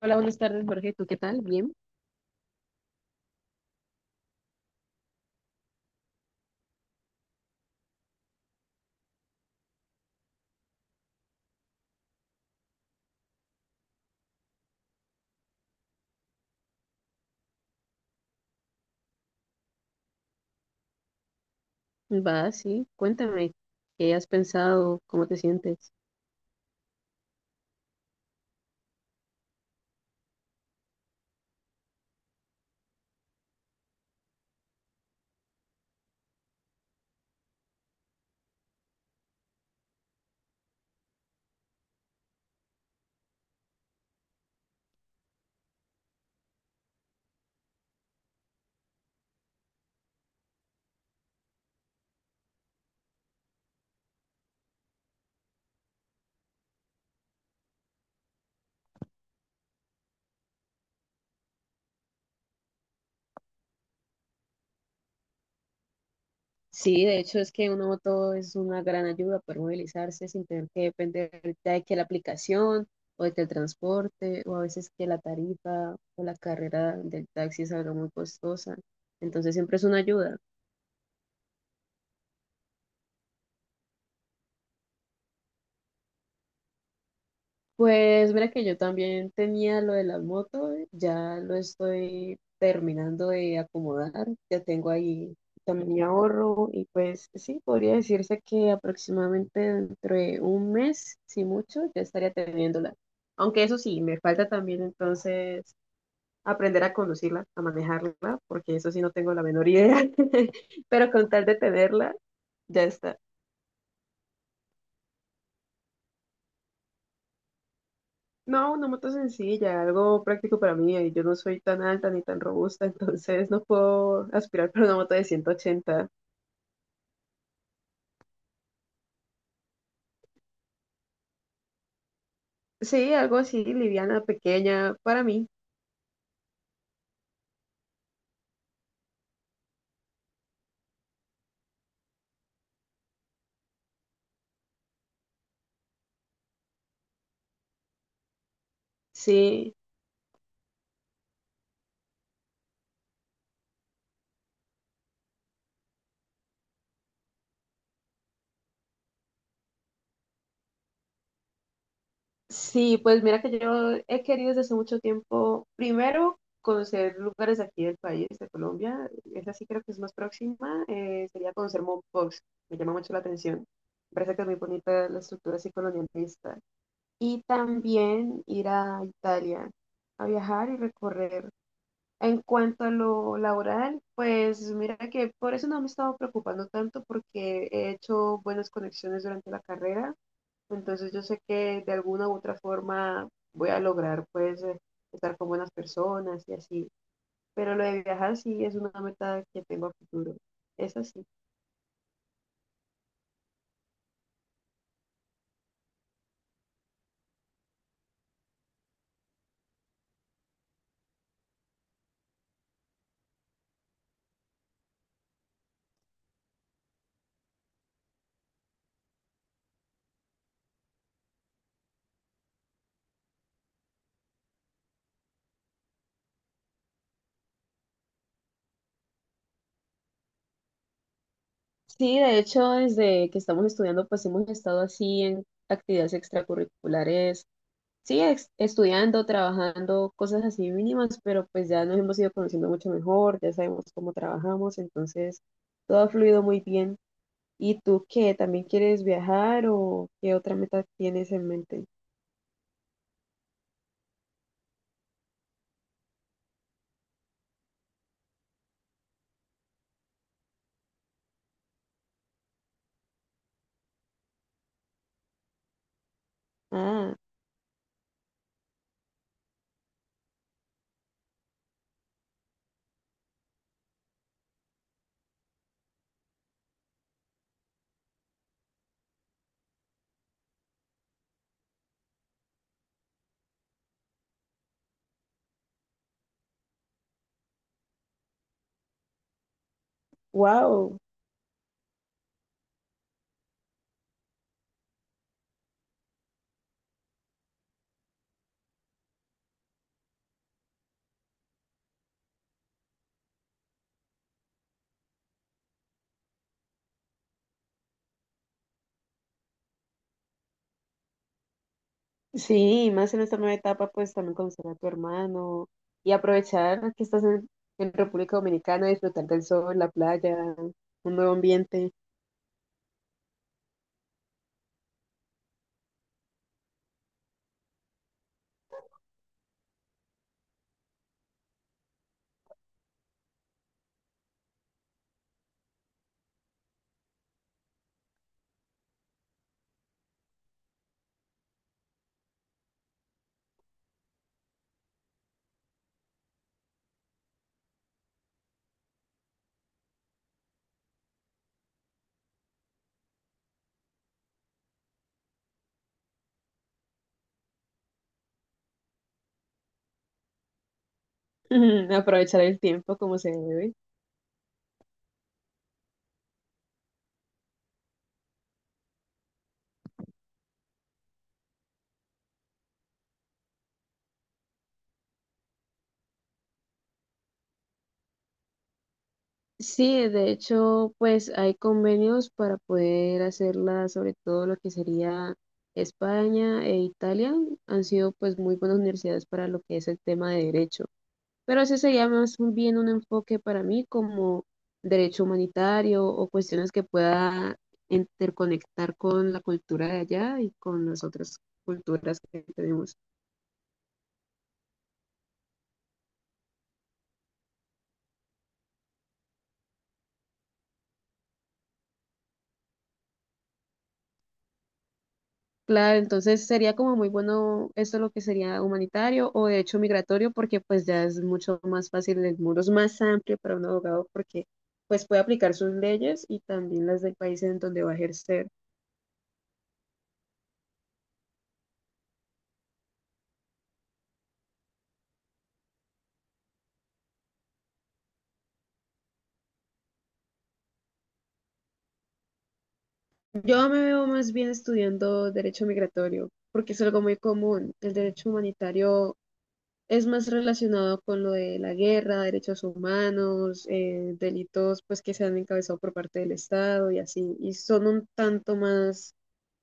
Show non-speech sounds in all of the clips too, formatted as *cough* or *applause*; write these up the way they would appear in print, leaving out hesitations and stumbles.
Hola, buenas tardes, Jorge. ¿Tú qué tal? Bien. Va, sí. Cuéntame, ¿qué has pensado? ¿Cómo te sientes? Sí, de hecho es que una moto es una gran ayuda para movilizarse sin tener que depender ya de que la aplicación o de que el transporte o a veces que la tarifa o la carrera del taxi salga muy costosa. Entonces siempre es una ayuda. Pues mira que yo también tenía lo de las motos, ya lo estoy terminando de acomodar, ya tengo ahí también mi ahorro y pues sí, podría decirse que aproximadamente dentro de un mes, si mucho, ya estaría teniéndola. Aunque eso sí, me falta también entonces aprender a conducirla, a manejarla, porque eso sí no tengo la menor idea, *laughs* pero con tal de tenerla, ya está. No, una moto sencilla, algo práctico para mí. Yo no soy tan alta ni tan robusta, *laughs* entonces no puedo aspirar para una moto de 180. Sí, algo así, liviana, pequeña, para mí. Sí, sí, pues mira que yo he querido desde hace mucho tiempo, primero, conocer lugares de aquí del país, de Colombia. Esa sí creo que es más próxima. Sería conocer Mompox, me llama mucho la atención. Me parece que es muy bonita la estructura así colonialista. Y también ir a Italia a viajar y recorrer. En cuanto a lo laboral, pues mira que por eso no me he estado preocupando tanto porque he hecho buenas conexiones durante la carrera, entonces yo sé que de alguna u otra forma voy a lograr pues estar con buenas personas y así, pero lo de viajar sí es una meta que tengo a futuro, es así. Sí, de hecho, desde que estamos estudiando, pues hemos estado así en actividades extracurriculares sí, estudiando, trabajando, cosas así mínimas, pero pues ya nos hemos ido conociendo mucho mejor, ya sabemos cómo trabajamos, entonces todo ha fluido muy bien. ¿Y tú qué? ¿También quieres viajar o qué otra meta tienes en mente? Ah, wow. Sí, más en esta nueva etapa, pues también conocer a tu hermano y aprovechar que estás en República Dominicana, disfrutar del sol, la playa, un nuevo ambiente, *laughs* aprovechar el tiempo como se debe. Sí, de hecho, pues hay convenios para poder hacerla, sobre todo lo que sería España e Italia, han sido pues muy buenas universidades para lo que es el tema de derecho. Pero ese sería más bien un enfoque para mí como derecho humanitario o cuestiones que pueda interconectar con la cultura de allá y con las otras culturas que tenemos. Claro, entonces sería como muy bueno esto lo que sería humanitario o de hecho migratorio, porque pues ya es mucho más fácil, el muro es más amplio para un abogado porque pues puede aplicar sus leyes y también las del país en donde va a ejercer. Yo me veo más bien estudiando derecho migratorio, porque es algo muy común. El derecho humanitario es más relacionado con lo de la guerra, derechos humanos, delitos pues que se han encabezado por parte del Estado y así, y son un tanto más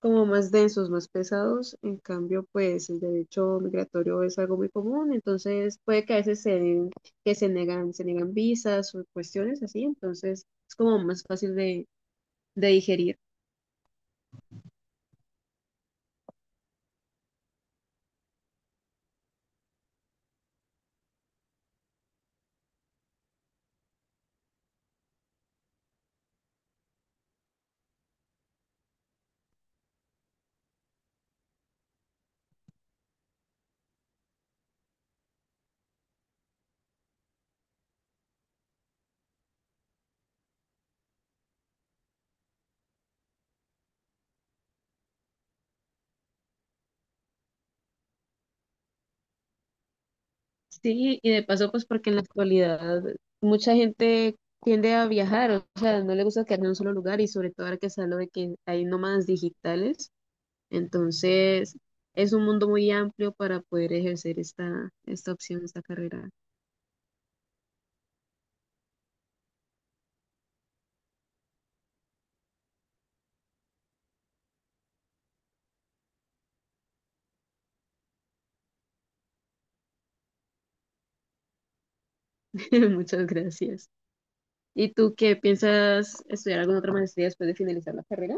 como más densos, más pesados. En cambio, pues el derecho migratorio es algo muy común, entonces puede que a veces que se negan, se niegan visas o cuestiones así, entonces es como más fácil de digerir. Sí, y de paso, pues porque en la actualidad mucha gente tiende a viajar, o sea, no le gusta quedarse en un solo lugar y sobre todo ahora que se habla de que hay nómadas digitales, entonces es un mundo muy amplio para poder ejercer esta, esta opción, esta carrera. *laughs* Muchas gracias. ¿Y tú qué piensas estudiar alguna otra maestría después de finalizar la carrera?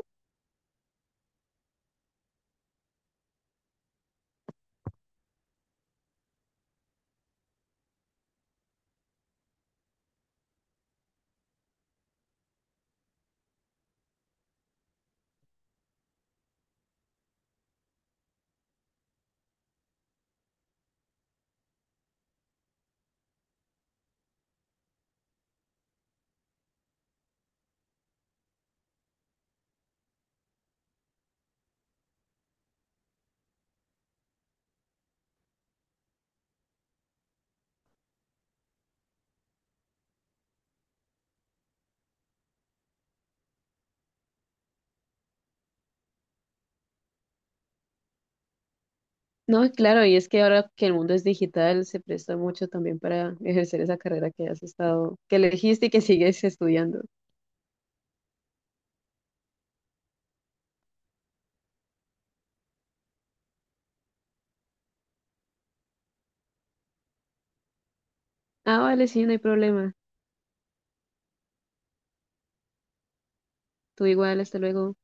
No, claro, y es que ahora que el mundo es digital, se presta mucho también para ejercer esa carrera que has estado, que elegiste y que *laughs* sigues estudiando. Ah, vale, sí, no hay problema. Tú igual, hasta luego.